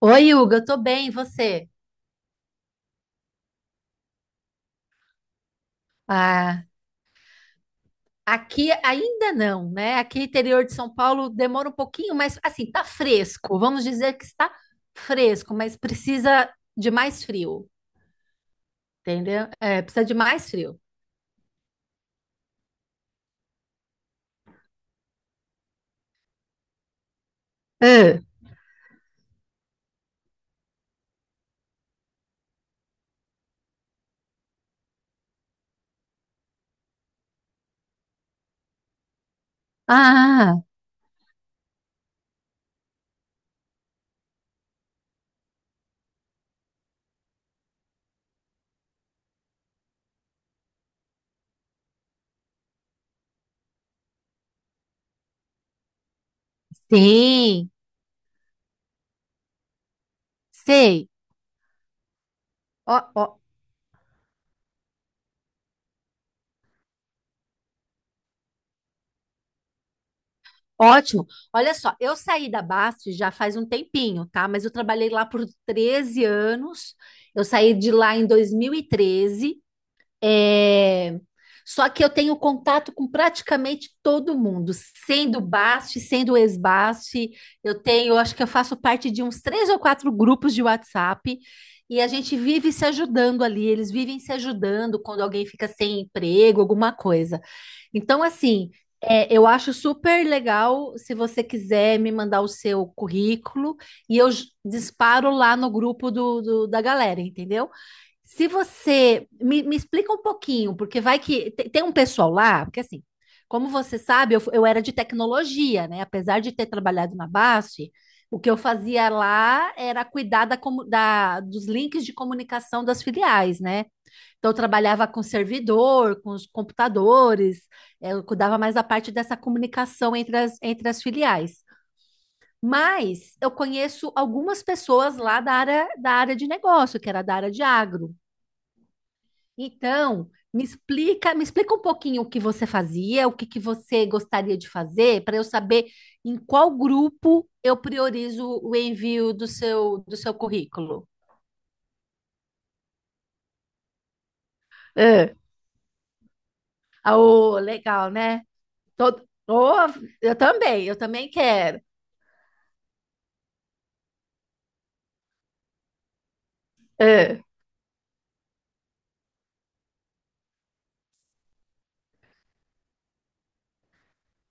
Oi, Hugo, eu tô bem, e você? Ah, aqui ainda não, né? Aqui interior de São Paulo demora um pouquinho, mas assim, tá fresco. Vamos dizer que está fresco, mas precisa de mais frio, entendeu? É, precisa de mais frio. É. Ah, sim, sei. Ó, ó, ótimo. Olha só, eu saí da Bast já faz um tempinho, tá? Mas eu trabalhei lá por 13 anos. Eu saí de lá em 2013. É. Só que eu tenho contato com praticamente todo mundo, sendo BASF, sendo ex-BASF. Eu tenho, acho que eu faço parte de uns três ou quatro grupos de WhatsApp e a gente vive se ajudando ali. Eles vivem se ajudando quando alguém fica sem emprego, alguma coisa. Então, assim, é, eu acho super legal se você quiser me mandar o seu currículo e eu disparo lá no grupo da galera, entendeu? Se você me explica um pouquinho, porque vai que tem um pessoal lá, porque assim, como você sabe, eu era de tecnologia, né? Apesar de ter trabalhado na BASF, o que eu fazia lá era cuidar dos links de comunicação das filiais, né? Então, eu trabalhava com servidor, com os computadores, eu cuidava mais da parte dessa comunicação entre as filiais. Mas eu conheço algumas pessoas lá da área de negócio, que era da área de agro. Então, me explica um pouquinho o que você fazia, o que que você gostaria de fazer, para eu saber em qual grupo eu priorizo o envio do seu currículo. É. Ah, ô, legal, né? Todo, ô, eu também quero. É.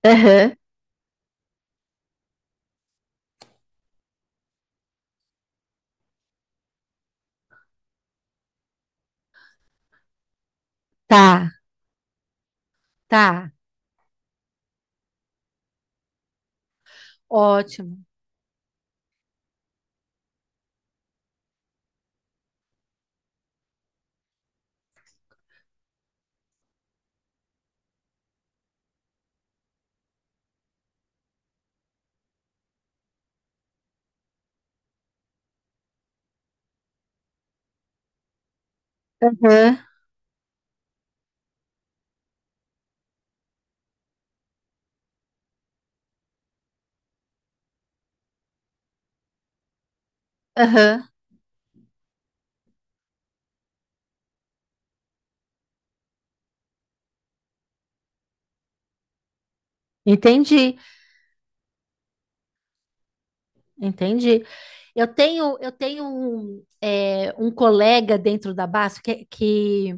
Aham. Tá, tá, ótimo. Aham, aham. Entendi, entendi. Eu tenho um, é, um colega dentro da BASF que,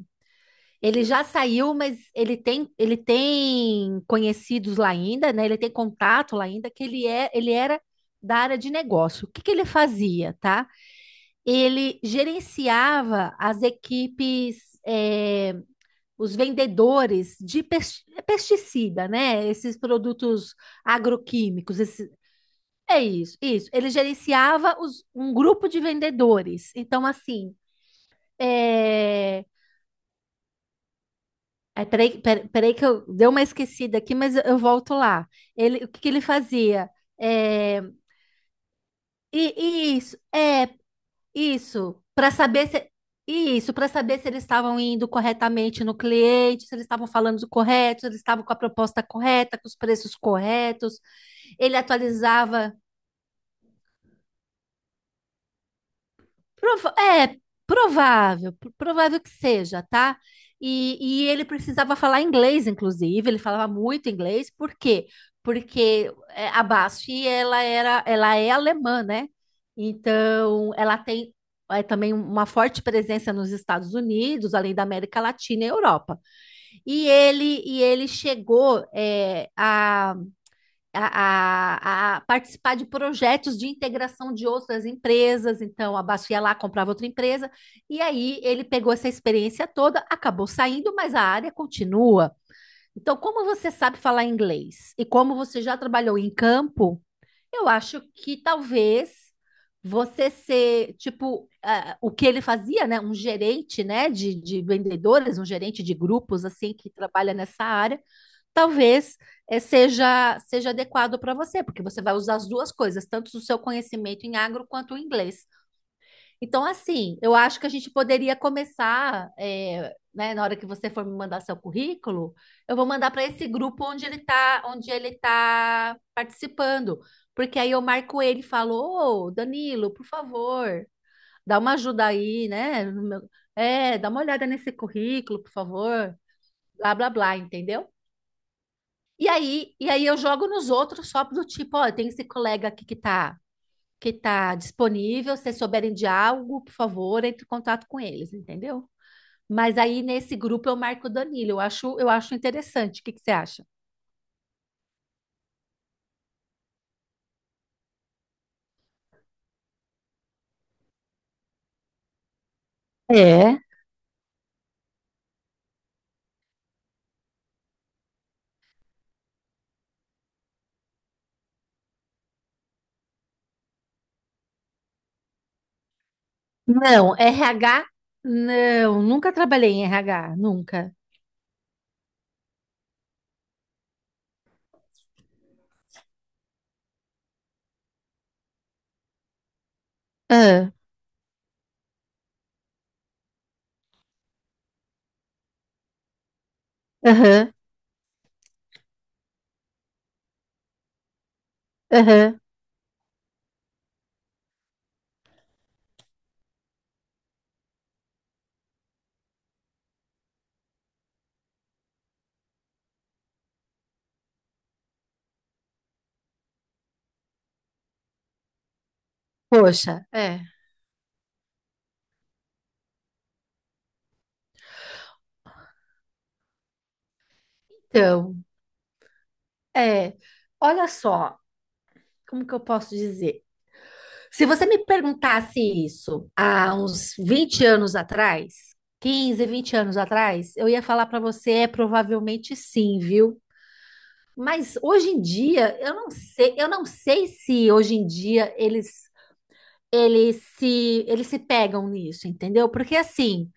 ele já saiu, mas ele tem conhecidos lá ainda, né? Ele tem contato lá ainda, que ele é, ele era da área de negócio. O que que ele fazia, tá? Ele gerenciava as equipes, os vendedores de pesticida, né? Esses produtos agroquímicos, é isso, isso. Ele gerenciava um grupo de vendedores. Então, assim, é. É, peraí que eu dei uma esquecida aqui, mas eu volto lá. Ele, o que que ele fazia? É, e isso, é isso, para saber se eles estavam indo corretamente no cliente, se eles estavam falando do correto, se eles estavam com a proposta correta, com os preços corretos. Ele atualizava. É provável, provável que seja, tá? E ele precisava falar inglês, inclusive, ele falava muito inglês, por quê? Porque a Basf, ela era, ela é alemã, né? Então, ela tem também uma forte presença nos Estados Unidos, além da América Latina e Europa. E ele chegou a participar de projetos de integração de outras empresas. Então, a Baço ia lá, comprava outra empresa, e aí ele pegou essa experiência toda, acabou saindo, mas a área continua. Então, como você sabe falar inglês e como você já trabalhou em campo, eu acho que talvez você ser, tipo, o que ele fazia, né? Um gerente, né, de vendedores, um gerente de grupos, assim, que trabalha nessa área talvez seja adequado para você, porque você vai usar as duas coisas, tanto o seu conhecimento em agro quanto o inglês. Então, assim, eu acho que a gente poderia começar, né, na hora que você for me mandar seu currículo, eu vou mandar para esse grupo onde ele está, onde ele tá participando, porque aí eu marco ele e falo, ô, Danilo, por favor, dá uma ajuda aí, né? no meu- É, dá uma olhada nesse currículo, por favor, blá, blá, blá, entendeu? E aí eu jogo nos outros só do tipo, ó, tem esse colega aqui que tá disponível, se souberem de algo, por favor, entre em contato com eles, entendeu? Mas aí nesse grupo eu marco o Danilo, eu acho interessante. O que que você acha? É. Não, RH, não, nunca trabalhei em RH, nunca. Ah, aham, aham. Poxa, é. Então, é, olha só, como que eu posso dizer? Se você me perguntasse isso há uns 20 anos atrás, 15, 20 anos atrás, eu ia falar para você, é provavelmente sim, viu? Mas hoje em dia, eu não sei se hoje em dia eles se pegam nisso, entendeu? Porque assim,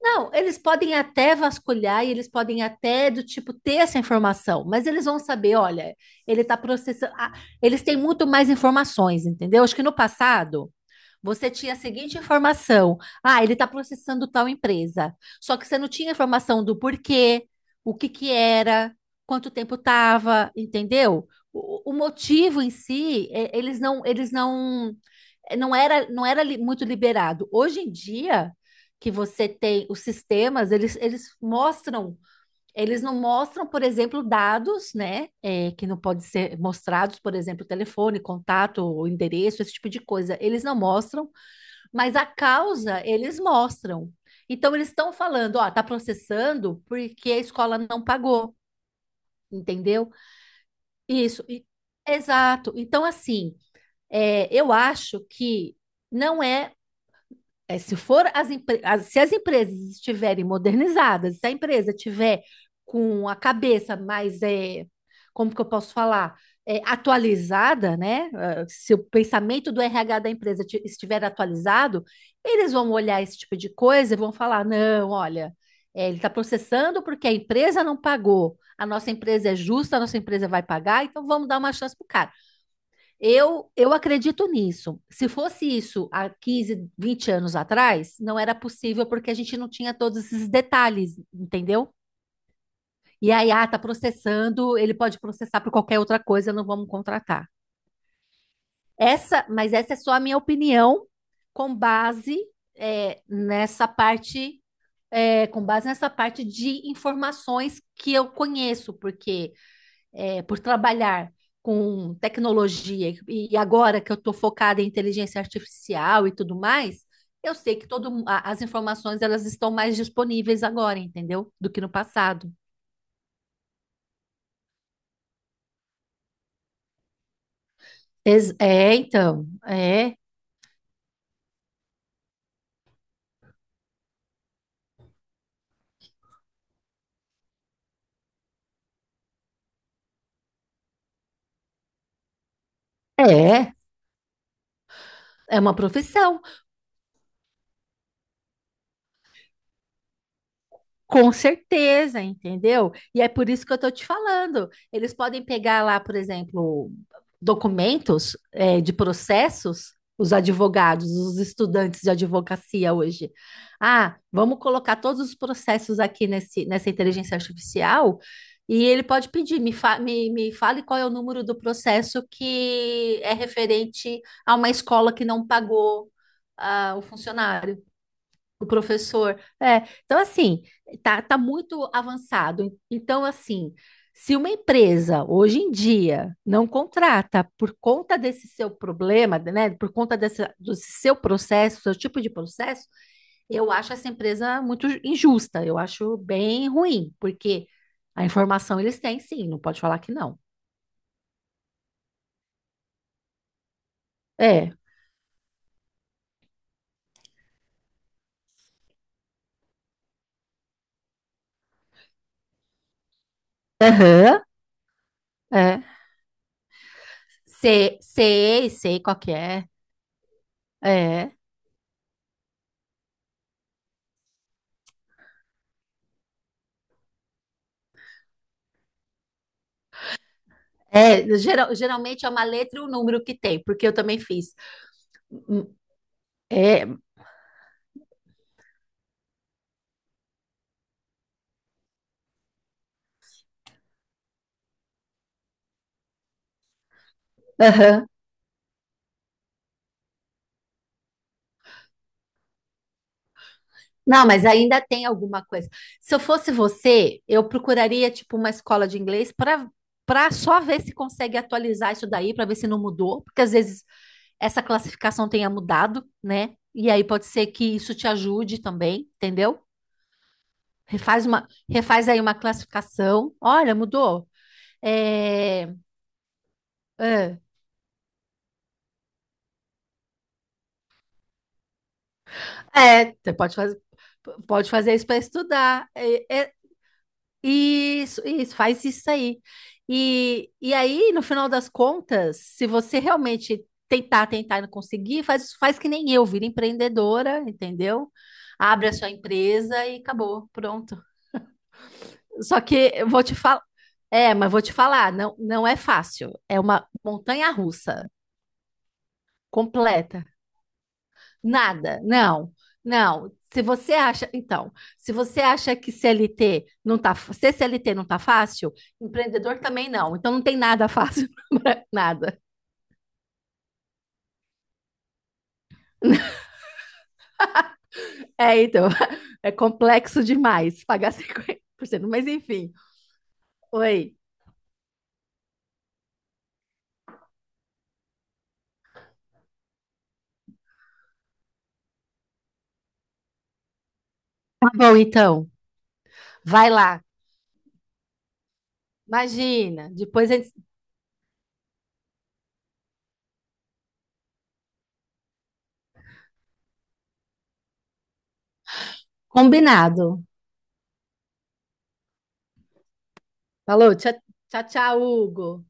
não, eles podem até vasculhar e eles podem até do tipo ter essa informação, mas eles vão saber, olha, ele está processando. Ah, eles têm muito mais informações, entendeu? Acho que no passado você tinha a seguinte informação: ah, ele está processando tal empresa. Só que você não tinha informação do porquê, o que que era, quanto tempo estava, entendeu? O motivo em si, eles não, não era, não era muito liberado. Hoje em dia que você tem, os sistemas, eles mostram. Eles não mostram, por exemplo, dados, né? É, que não podem ser mostrados, por exemplo, telefone, contato, endereço, esse tipo de coisa. Eles não mostram, mas a causa eles mostram. Então eles estão falando, ó, tá processando porque a escola não pagou, entendeu? Isso, exato. Então, assim, é, eu acho que não é. É, se for se as empresas estiverem modernizadas, se a empresa tiver com a cabeça mais, é, como que eu posso falar, é, atualizada, né? Ah, se o pensamento do RH da empresa estiver atualizado, eles vão olhar esse tipo de coisa e vão falar, não, olha, é, ele está processando porque a empresa não pagou, a nossa empresa é justa, a nossa empresa vai pagar, então vamos dar uma chance para o cara. Eu acredito nisso. Se fosse isso há 15, 20 anos atrás, não era possível porque a gente não tinha todos esses detalhes, entendeu? E aí, ah, tá processando, ele pode processar por qualquer outra coisa, não vamos contratar. Mas essa é só a minha opinião com base é, nessa parte, com base nessa parte de informações que eu conheço, porque por trabalhar com tecnologia e agora que eu estou focada em inteligência artificial e tudo mais, eu sei que as informações elas estão mais disponíveis agora, entendeu? Do que no passado. É, então, é, é uma profissão. Com certeza, entendeu? E é por isso que eu estou te falando. Eles podem pegar lá, por exemplo, documentos, de processos, os advogados, os estudantes de advocacia hoje. Ah, vamos colocar todos os processos aqui nessa inteligência artificial e ele pode pedir, me fale qual é o número do processo que é referente a uma escola que não pagou, ah, o funcionário. O professor. É, então, assim, tá muito avançado. Então, assim, se uma empresa hoje em dia não contrata por conta desse seu problema, né, por conta desse, do seu processo, seu tipo de processo, eu acho essa empresa muito injusta. Eu acho bem ruim, porque a informação eles têm, sim, não pode falar que não. É. Aham, é. Sei, sei, sei qual que é. É. É, geralmente é uma letra e um número que tem, porque eu também fiz. É, aham. Não, mas ainda tem alguma coisa. Se eu fosse você, eu procuraria tipo uma escola de inglês para só ver se consegue atualizar isso daí, para ver se não mudou, porque às vezes essa classificação tenha mudado, né? E aí pode ser que isso te ajude também, entendeu? Refaz aí uma classificação. Olha, mudou. É, é, você pode fazer. Pode fazer isso para estudar. Isso, isso, faz isso aí. E aí, no final das contas, se você realmente tentar, tentar e não conseguir, faz, faz que nem eu, vira empreendedora, entendeu? Abre a sua empresa e acabou, pronto. Só que eu vou te falar, mas vou te falar, não, não é fácil, é uma montanha-russa completa. Nada, não, não. Se você acha, então, se você acha que CLT não tá, se CLT não tá fácil, empreendedor também não. Então não tem nada fácil, nada. É, então, é complexo demais pagar 50% mas enfim. Oi. Tá bom, então. Vai lá. Imagina, depois a gente... Combinado. Falou, tchau, tchau, tchau, Hugo.